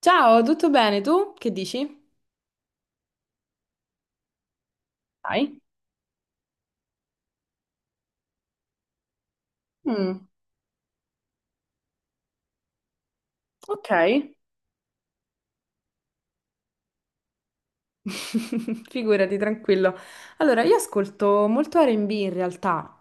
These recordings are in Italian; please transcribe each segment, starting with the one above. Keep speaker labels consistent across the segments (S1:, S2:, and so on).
S1: Ciao, tutto bene? Tu che dici? Dai. Mm, ok. Figurati, tranquillo. Allora, io ascolto molto R&B in realtà.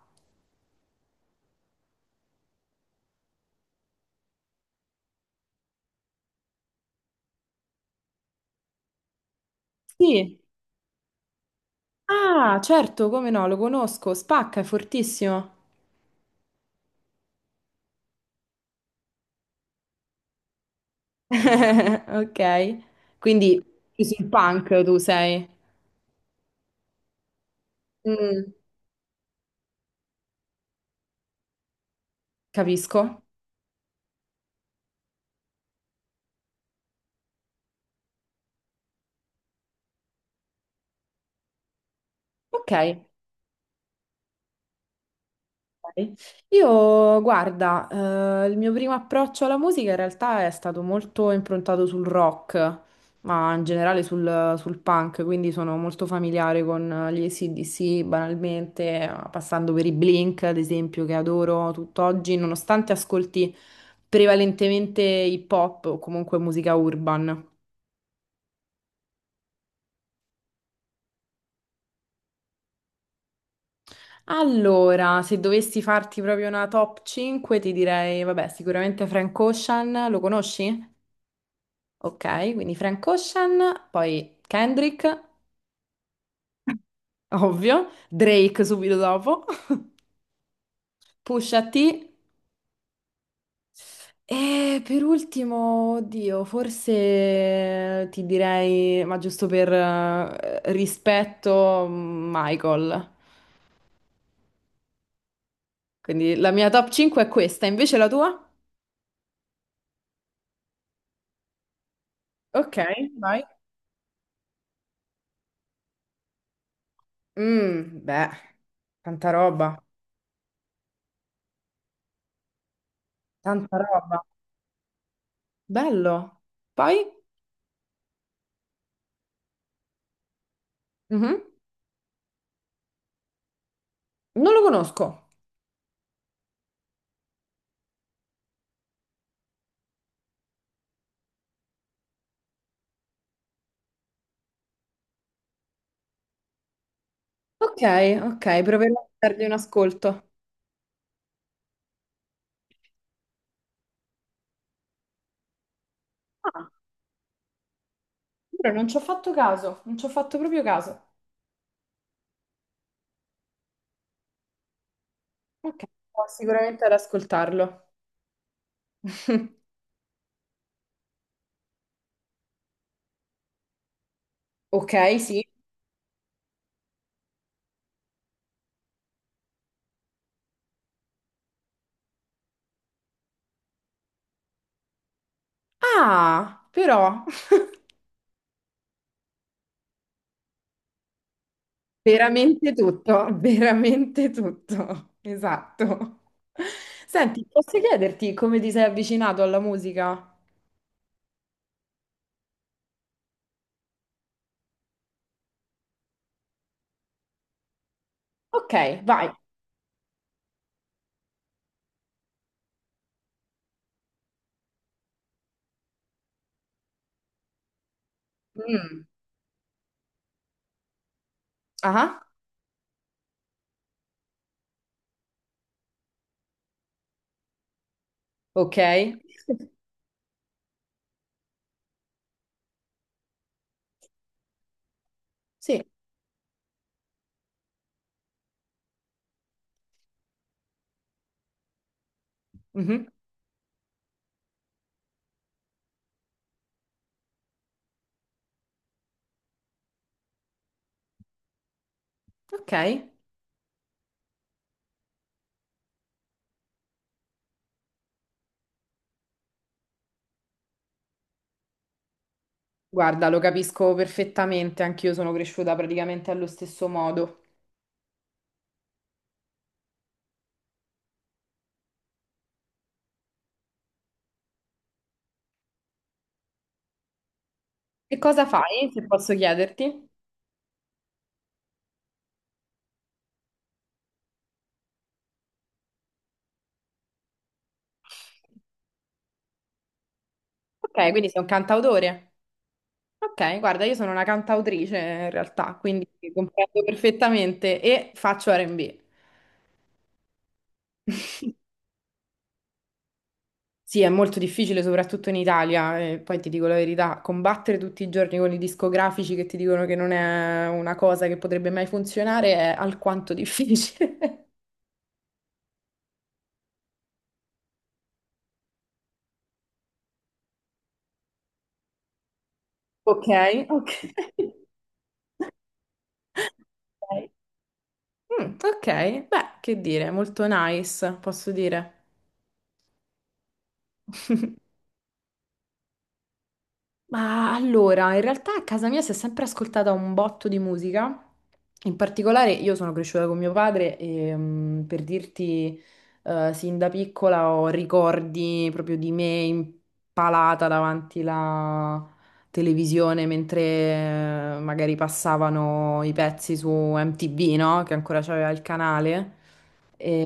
S1: Sì. Ah, certo, come no, lo conosco, spacca, è fortissimo. Ok, quindi più sul punk tu sei. Mm. Capisco. Ok. Ok. Io, guarda, il mio primo approccio alla musica in realtà è stato molto improntato sul rock, ma in generale sul punk, quindi sono molto familiare con gli AC/DC banalmente, passando per i Blink, ad esempio, che adoro tutt'oggi, nonostante ascolti prevalentemente hip hop o comunque musica urban. Allora, se dovessi farti proprio una top 5, ti direi, vabbè, sicuramente Frank Ocean, lo conosci? Ok, quindi Frank Ocean, poi Kendrick, ovvio, Drake subito dopo, Pusha T e per ultimo, oddio, forse ti direi, ma giusto per rispetto, Michael. Quindi la mia top 5 è questa, invece la tua? Ok, vai. Beh, tanta roba, tanta roba. Bello. Poi? Mhm. Non lo conosco. Ok, ok, proverò a dargli un ascolto. Ah, però non ci ho fatto caso, non ci ho fatto proprio caso. Ok, proverò sicuramente ad ascoltarlo. Ok, sì. Ah, però, veramente tutto, veramente tutto. Esatto. Senti, posso chiederti come ti sei avvicinato alla musica? Ok, vai. Mm. Ah, ok. Sì. Mhm. Ok. Guarda, lo capisco perfettamente, anch'io sono cresciuta praticamente allo stesso modo. Che cosa fai, se posso chiederti? Ok, quindi sei un cantautore. Ok, guarda, io sono una cantautrice in realtà, quindi comprendo perfettamente e faccio R&B. Sì, è molto difficile, soprattutto in Italia, e poi ti dico la verità, combattere tutti i giorni con i discografici che ti dicono che non è una cosa che potrebbe mai funzionare è alquanto difficile. Ok, ok. Mm, ok, beh, che dire, molto nice, posso dire. Ma allora, in realtà a casa mia si è sempre ascoltata un botto di musica. In particolare io sono cresciuta con mio padre e per dirti, sin da piccola ho ricordi proprio di me impalata davanti la televisione mentre magari passavano i pezzi su MTV, no? Che ancora c'aveva il canale. E-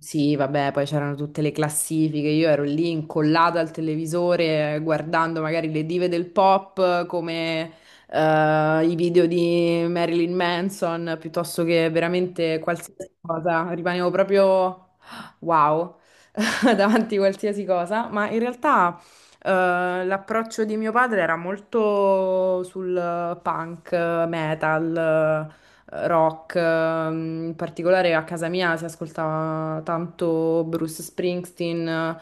S1: sì, vabbè, poi c'erano tutte le classifiche, io ero lì incollata al televisore guardando magari le dive del pop come i video di Marilyn Manson piuttosto che veramente qualsiasi cosa, rimanevo proprio wow davanti a qualsiasi cosa, ma in realtà l'approccio di mio padre era molto sul punk, metal rock. In particolare a casa mia si ascoltava tanto Bruce Springsteen,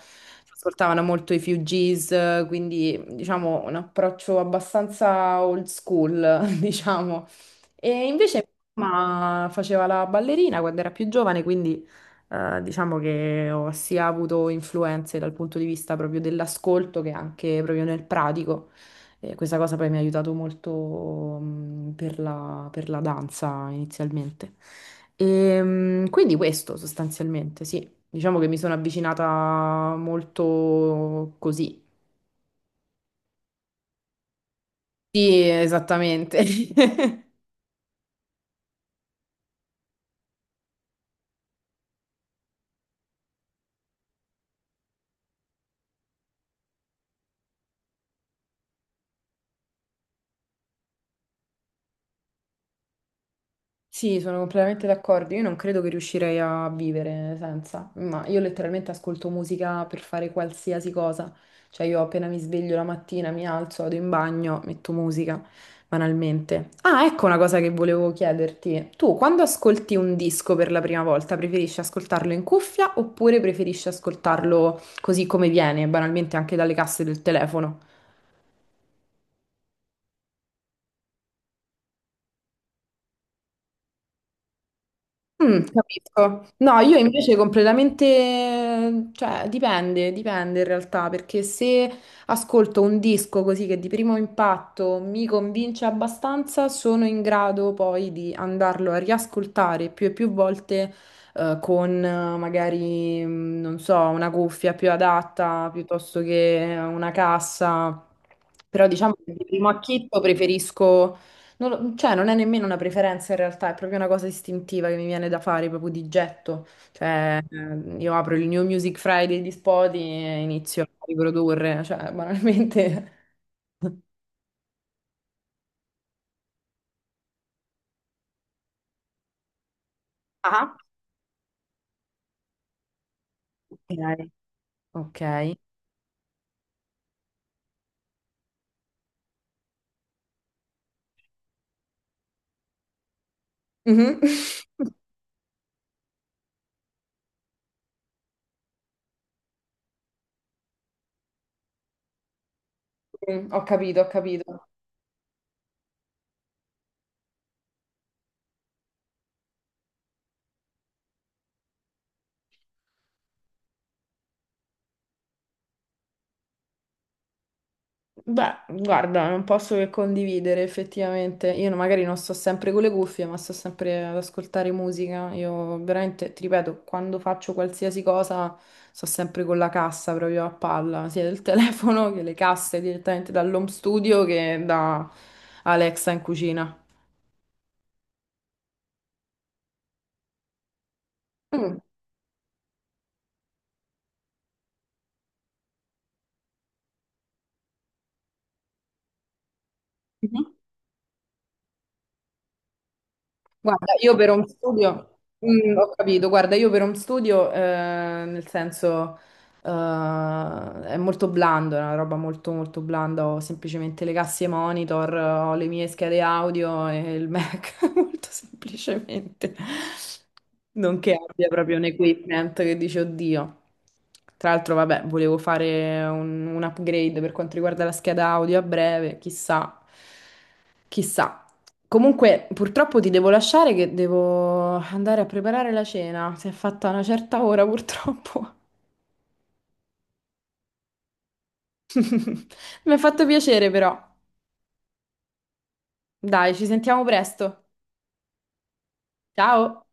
S1: si ascoltavano molto i Fugees, quindi diciamo un approccio abbastanza old school, diciamo. E invece mia mamma faceva la ballerina quando era più giovane, quindi diciamo che ho sia avuto influenze dal punto di vista proprio dell'ascolto che anche proprio nel pratico. E questa cosa poi mi ha aiutato molto per la danza inizialmente. E, quindi questo sostanzialmente, sì. Diciamo che mi sono avvicinata molto così. Sì, esattamente. Sì, sono completamente d'accordo. Io non credo che riuscirei a vivere senza, ma io letteralmente ascolto musica per fare qualsiasi cosa. Cioè, io appena mi sveglio la mattina, mi alzo, vado in bagno, metto musica, banalmente. Ah, ecco una cosa che volevo chiederti. Tu, quando ascolti un disco per la prima volta, preferisci ascoltarlo in cuffia oppure preferisci ascoltarlo così come viene, banalmente anche dalle casse del telefono? Capisco. No, io invece completamente, cioè dipende, dipende in realtà, perché se ascolto un disco così che di primo impatto mi convince abbastanza, sono in grado poi di andarlo a riascoltare più e più volte con magari, non so, una cuffia più adatta piuttosto che una cassa. Però diciamo che di primo acchito preferisco non lo- cioè, non è nemmeno una preferenza in realtà, è proprio una cosa istintiva che mi viene da fare proprio di getto. Cioè, io apro il New Music Friday di Spotify e inizio a riprodurre, cioè, banalmente. Ah. Ok. Ok. Mhm. Ho capito, ho capito. Beh, guarda, non posso che condividere effettivamente. Io magari non sto sempre con le cuffie, ma sto sempre ad ascoltare musica. Io veramente, ti ripeto, quando faccio qualsiasi cosa sto sempre con la cassa proprio a palla, sia del telefono che le casse direttamente dall'home studio che da Alexa in cucina. Mm. Guarda, io per home studio, ho capito, guarda, io per home studio, nel senso, eh, è molto blando, è una roba molto molto blanda, ho semplicemente le casse monitor, ho le mie schede audio e il Mac, molto semplicemente. Non che abbia proprio un equipment che dice oddio. Tra l'altro, vabbè, volevo fare un upgrade per quanto riguarda la scheda audio a breve, chissà, chissà. Comunque, purtroppo ti devo lasciare che devo andare a preparare la cena. Si è fatta una certa ora, purtroppo. Mi ha fatto piacere, però. Dai, ci sentiamo presto. Ciao!